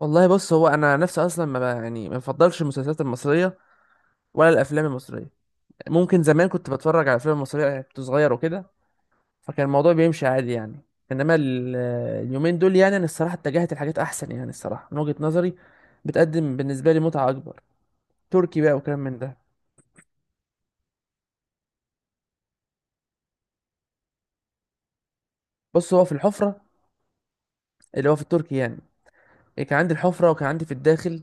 والله بص، هو انا نفسي اصلا ما ما بفضلش المسلسلات المصريه ولا الافلام المصريه. ممكن زمان كنت بتفرج على الافلام المصريه، يعني كنت صغير وكده، فكان الموضوع بيمشي عادي يعني. انما اليومين دول يعني انا الصراحه اتجهت لحاجات احسن، يعني الصراحه من وجهه نظري بتقدم بالنسبه لي متعه اكبر. تركي بقى وكلام من ده. بص، هو في الحفره، اللي هو في التركي يعني. كان عندي الحفره، وكان عندي في الداخل،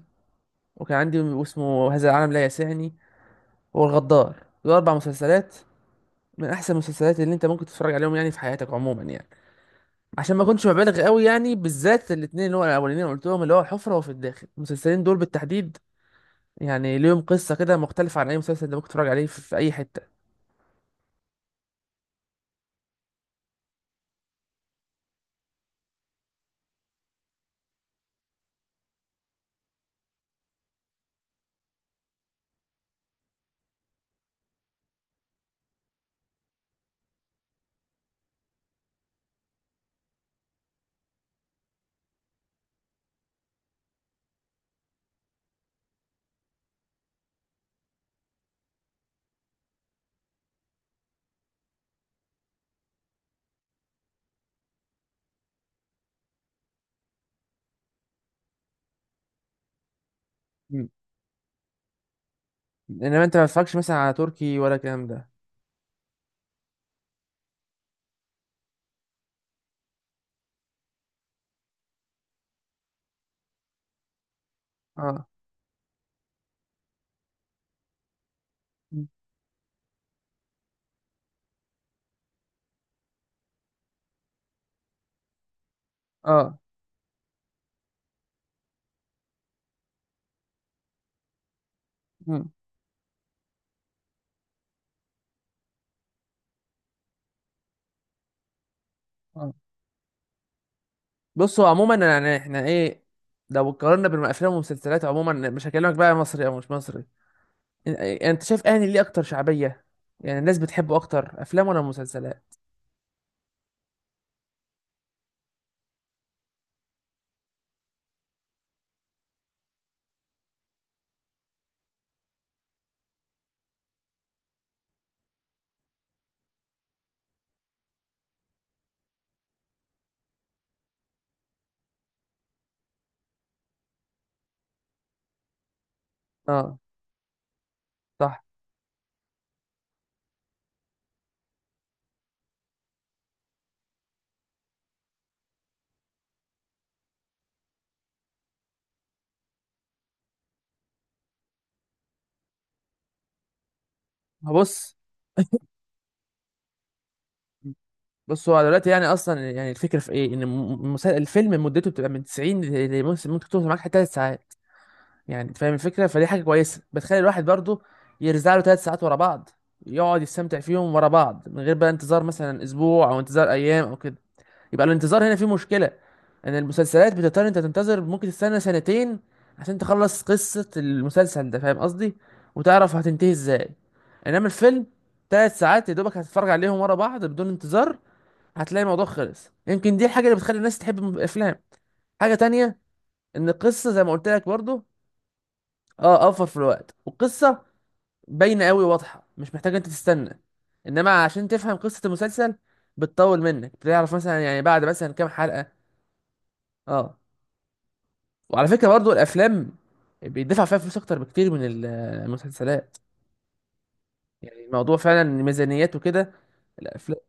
وكان عندي اسمه هذا العالم لا يسعني، والغدار. دول 4 مسلسلات من احسن المسلسلات اللي انت ممكن تتفرج عليهم يعني في حياتك عموما يعني، عشان ما اكونش مبالغ قوي يعني، بالذات الاثنين اللي هو الاولانيين اللي قلتهم، اللي هو الحفره وفي الداخل، المسلسلين دول بالتحديد، يعني ليهم قصه كده مختلفه عن اي مسلسل انت ممكن تتفرج عليه في اي حته. مم. انما انت ما تتفرجش مثلا على تركي ولا الكلام ده؟ اه. مم. اه. مم. آه. بصوا عموما، يعني احنا ايه، لو قارنا بين الافلام والمسلسلات عموما، مش هكلمك بقى مصري او مش مصري، إن- إيه، يعني انت شايف انهي ليه اكتر شعبيه؟ يعني الناس بتحبه اكتر افلام ولا مسلسلات؟ اه. صح. بص بص، هو دلوقتي يعني اصلا، يعني الفكره في ايه، ان الفيلم مدته بتبقى من 90 ممكن توصل معاك 3 ساعات، يعني أنت فاهم الفكره، فدي حاجه كويسه، بتخلي الواحد برضه يرزع له 3 ساعات ورا بعض، يقعد يستمتع فيهم ورا بعض، من غير بقى انتظار مثلا اسبوع او انتظار ايام او كده. يبقى الانتظار هنا فيه مشكله، ان المسلسلات بتضطر انت تنتظر، ممكن تستنى سنتين عشان تخلص قصه المسلسل ده، فاهم قصدي، وتعرف هتنتهي ازاي. انما الفيلم 3 ساعات يا دوبك هتتفرج عليهم ورا بعض بدون انتظار، هتلاقي الموضوع خلص. يمكن دي الحاجه اللي بتخلي الناس تحب الافلام. حاجه تانية، ان القصه زي ما قلت لك برضو. اه، اوفر في الوقت والقصه، باينه قوي، واضحه، مش محتاج انت تستنى. انما عشان تفهم قصه المسلسل بتطول منك، بتعرف مثلا يعني بعد مثلا كام حلقه. اه، وعلى فكره برضو الافلام بيدفع فيها فلوس اكتر بكتير من المسلسلات. يعني الموضوع فعلا ميزانيات وكده. الافلام،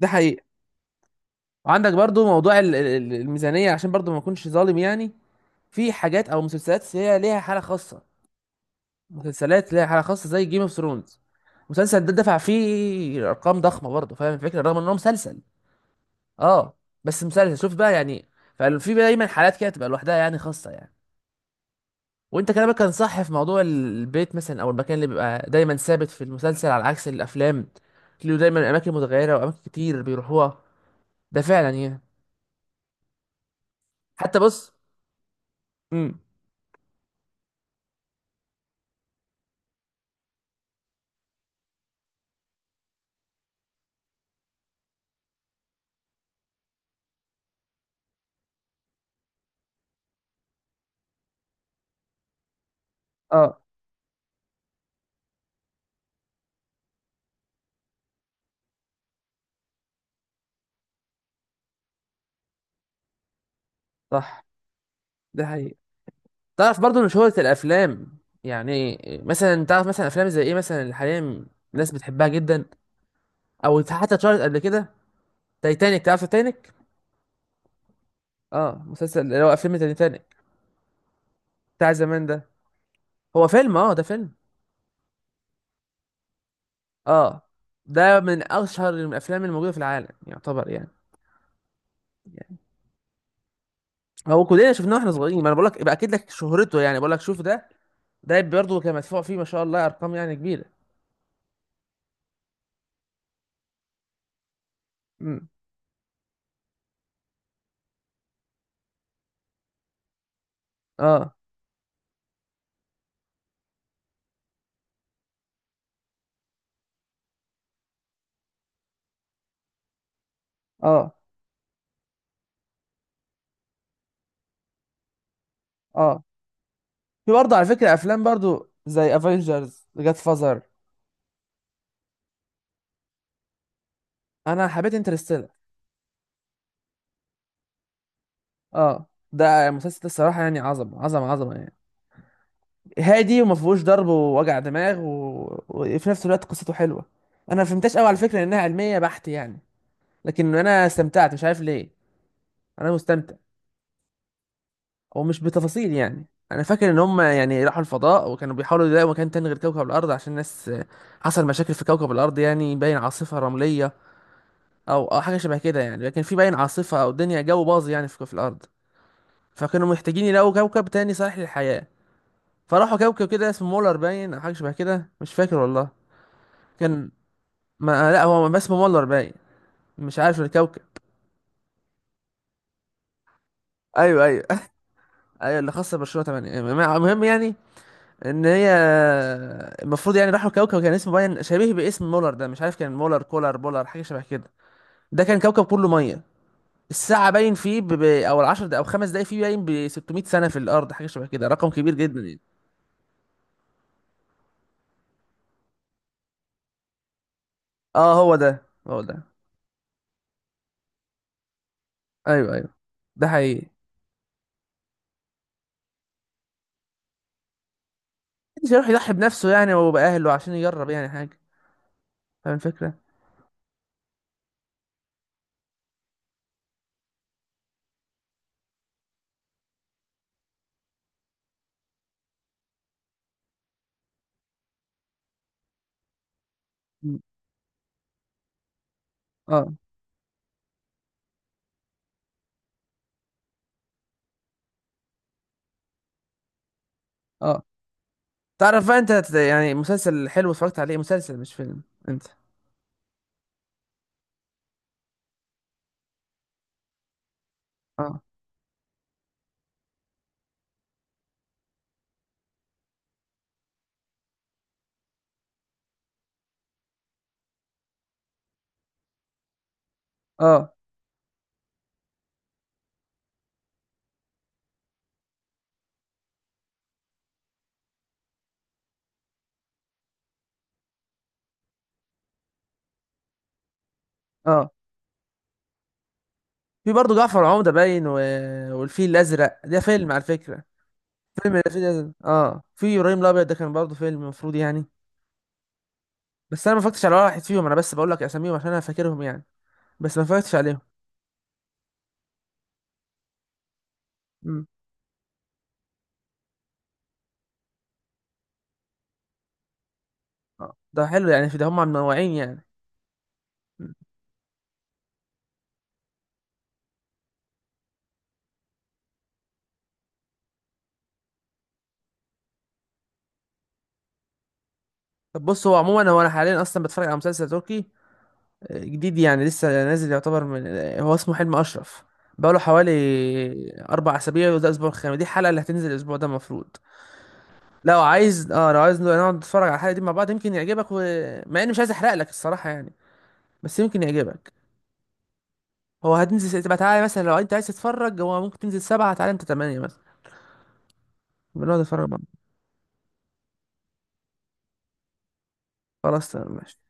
ده حقيقي. وعندك برضو موضوع الميزانيه. عشان برضو ما اكونش ظالم يعني، في حاجات او مسلسلات هي ليها حاله خاصه. مسلسلات ليها حاله خاصه زي جيم اوف ثرونز. المسلسل ده دفع فيه ارقام ضخمه برضه، فاهم الفكره، رغم ان هو مسلسل. اه، بس مسلسل شوف بقى يعني. ففي دايما حالات كده تبقى لوحدها يعني، خاصه يعني. وانت كلامك كان صح في موضوع البيت مثلا، او المكان اللي بيبقى دايما ثابت في المسلسل على عكس الافلام، له دايما اماكن متغيره، واماكن كتير بيروحوها. ده فعلا يعني. حتى بص. امم اه، صح. ده حقيقي. تعرف برضو ان شهرة الافلام يعني، مثلا تعرف مثلا افلام زي ايه مثلا اللي حاليا الناس بتحبها جدا، او حتى اتشهرت قبل كده؟ تايتانيك. تعرف تايتانيك؟ اه، مسلسل، اللي هو فيلم تايتانيك بتاع زمان ده. هو فيلم، اه ده فيلم. اه، ده من اشهر الافلام الموجوده في العالم يعتبر يعني. يعني هو كلنا شفناه واحنا صغيرين، ما انا بقول لك يبقى اكيد لك شهرته، يعني بقول لك شوف ده. ده برضه كان مدفوع فيه ما شاء الله ارقام يعني كبيره. امم اه. اه. اه. في برضه على فكرة افلام برضه زي افنجرز جاد فازر. انا حبيت انترستيلر. اه، ده مسلسل الصراحة يعني، عظمة عظمة عظمة يعني. هادي وما فيهوش ضرب ووجع دماغ وفي نفس الوقت قصته حلوة. انا ما فهمتهاش قوي على فكرة، انها علمية بحت يعني، لكن انا استمتعت مش عارف ليه. انا مستمتع ومش بتفاصيل يعني. انا فاكر ان هم يعني راحوا الفضاء وكانوا بيحاولوا يلاقوا مكان تاني غير كوكب الارض، عشان الناس حصل مشاكل في كوكب الارض، يعني باين عاصفة رملية او او حاجه شبه كده يعني. لكن في باين عاصفه او الدنيا جو باظ يعني في الارض. فكانوا محتاجين يلاقوا كوكب تاني صالح للحياه. فراحوا كوكب كده اسمه مولر باين او حاجه شبه كده، مش فاكر والله. كان، ما لا، هو ما اسمه مولر باين. مش عارف الكوكب. ايوه، ايوه. ايوه، اللي خاصه برشلونه 8. المهم يعني، ان هي، المفروض يعني راحوا كوكب كان اسمه باين، شبيه باسم مولر ده، مش عارف، كان مولر كولر بولر حاجه شبه كده. ده كان كوكب كله ميه. الساعة باين فيه او ال10 دقايق او 5 دقايق، فيه باين ب 600 سنة في الارض، حاجة شبه كده، رقم كبير جدا يعني. اه، هو ده هو ده. ايوه، ايوه. ده حقيقي. مش هيروح يضحي بنفسه يعني وبأهله عشان يجرب يعني حاجة، فاهم الفكرة؟ م. اه. اه. تعرف بقى انت، مسلسل حلو اتفرجت عليه، مسلسل مش فيلم، انت؟ اه. اه. اه. في برضه جعفر العمدة باين والفيل الأزرق، ده فيلم على فكرة. فيلم الفيل الأزرق، اه. في إبراهيم الأبيض، ده كان برضه فيلم المفروض يعني. بس انا ما فكرتش على ولا واحد فيهم، انا بس بقول لك اساميهم عشان انا فاكرهم يعني. بس ما فكرتش عليهم. امم ده حلو يعني، في ده هم منوعين يعني. مم. طب بص، هو عموما، هو انا حاليا اصلا بتفرج على مسلسل تركي جديد، يعني لسه نازل يعتبر، من هو اسمه حلم اشرف. بقاله حوالي 4 اسابيع، وده الاسبوع الخامس، دي الحلقه اللي هتنزل الاسبوع ده المفروض. لو عايز، اه لو عايز نقعد نتفرج على الحلقه دي مع بعض، يمكن يعجبك، مع اني مش عايز احرق لك الصراحه يعني، بس يمكن يعجبك. هو هتنزل، تبقى تعالى مثلا لو انت عايز تتفرج. هو ممكن تنزل 7، تعالى انت 8 مثلا، بنقعد نتفرج مع بعض. خلاص تمام ماشي.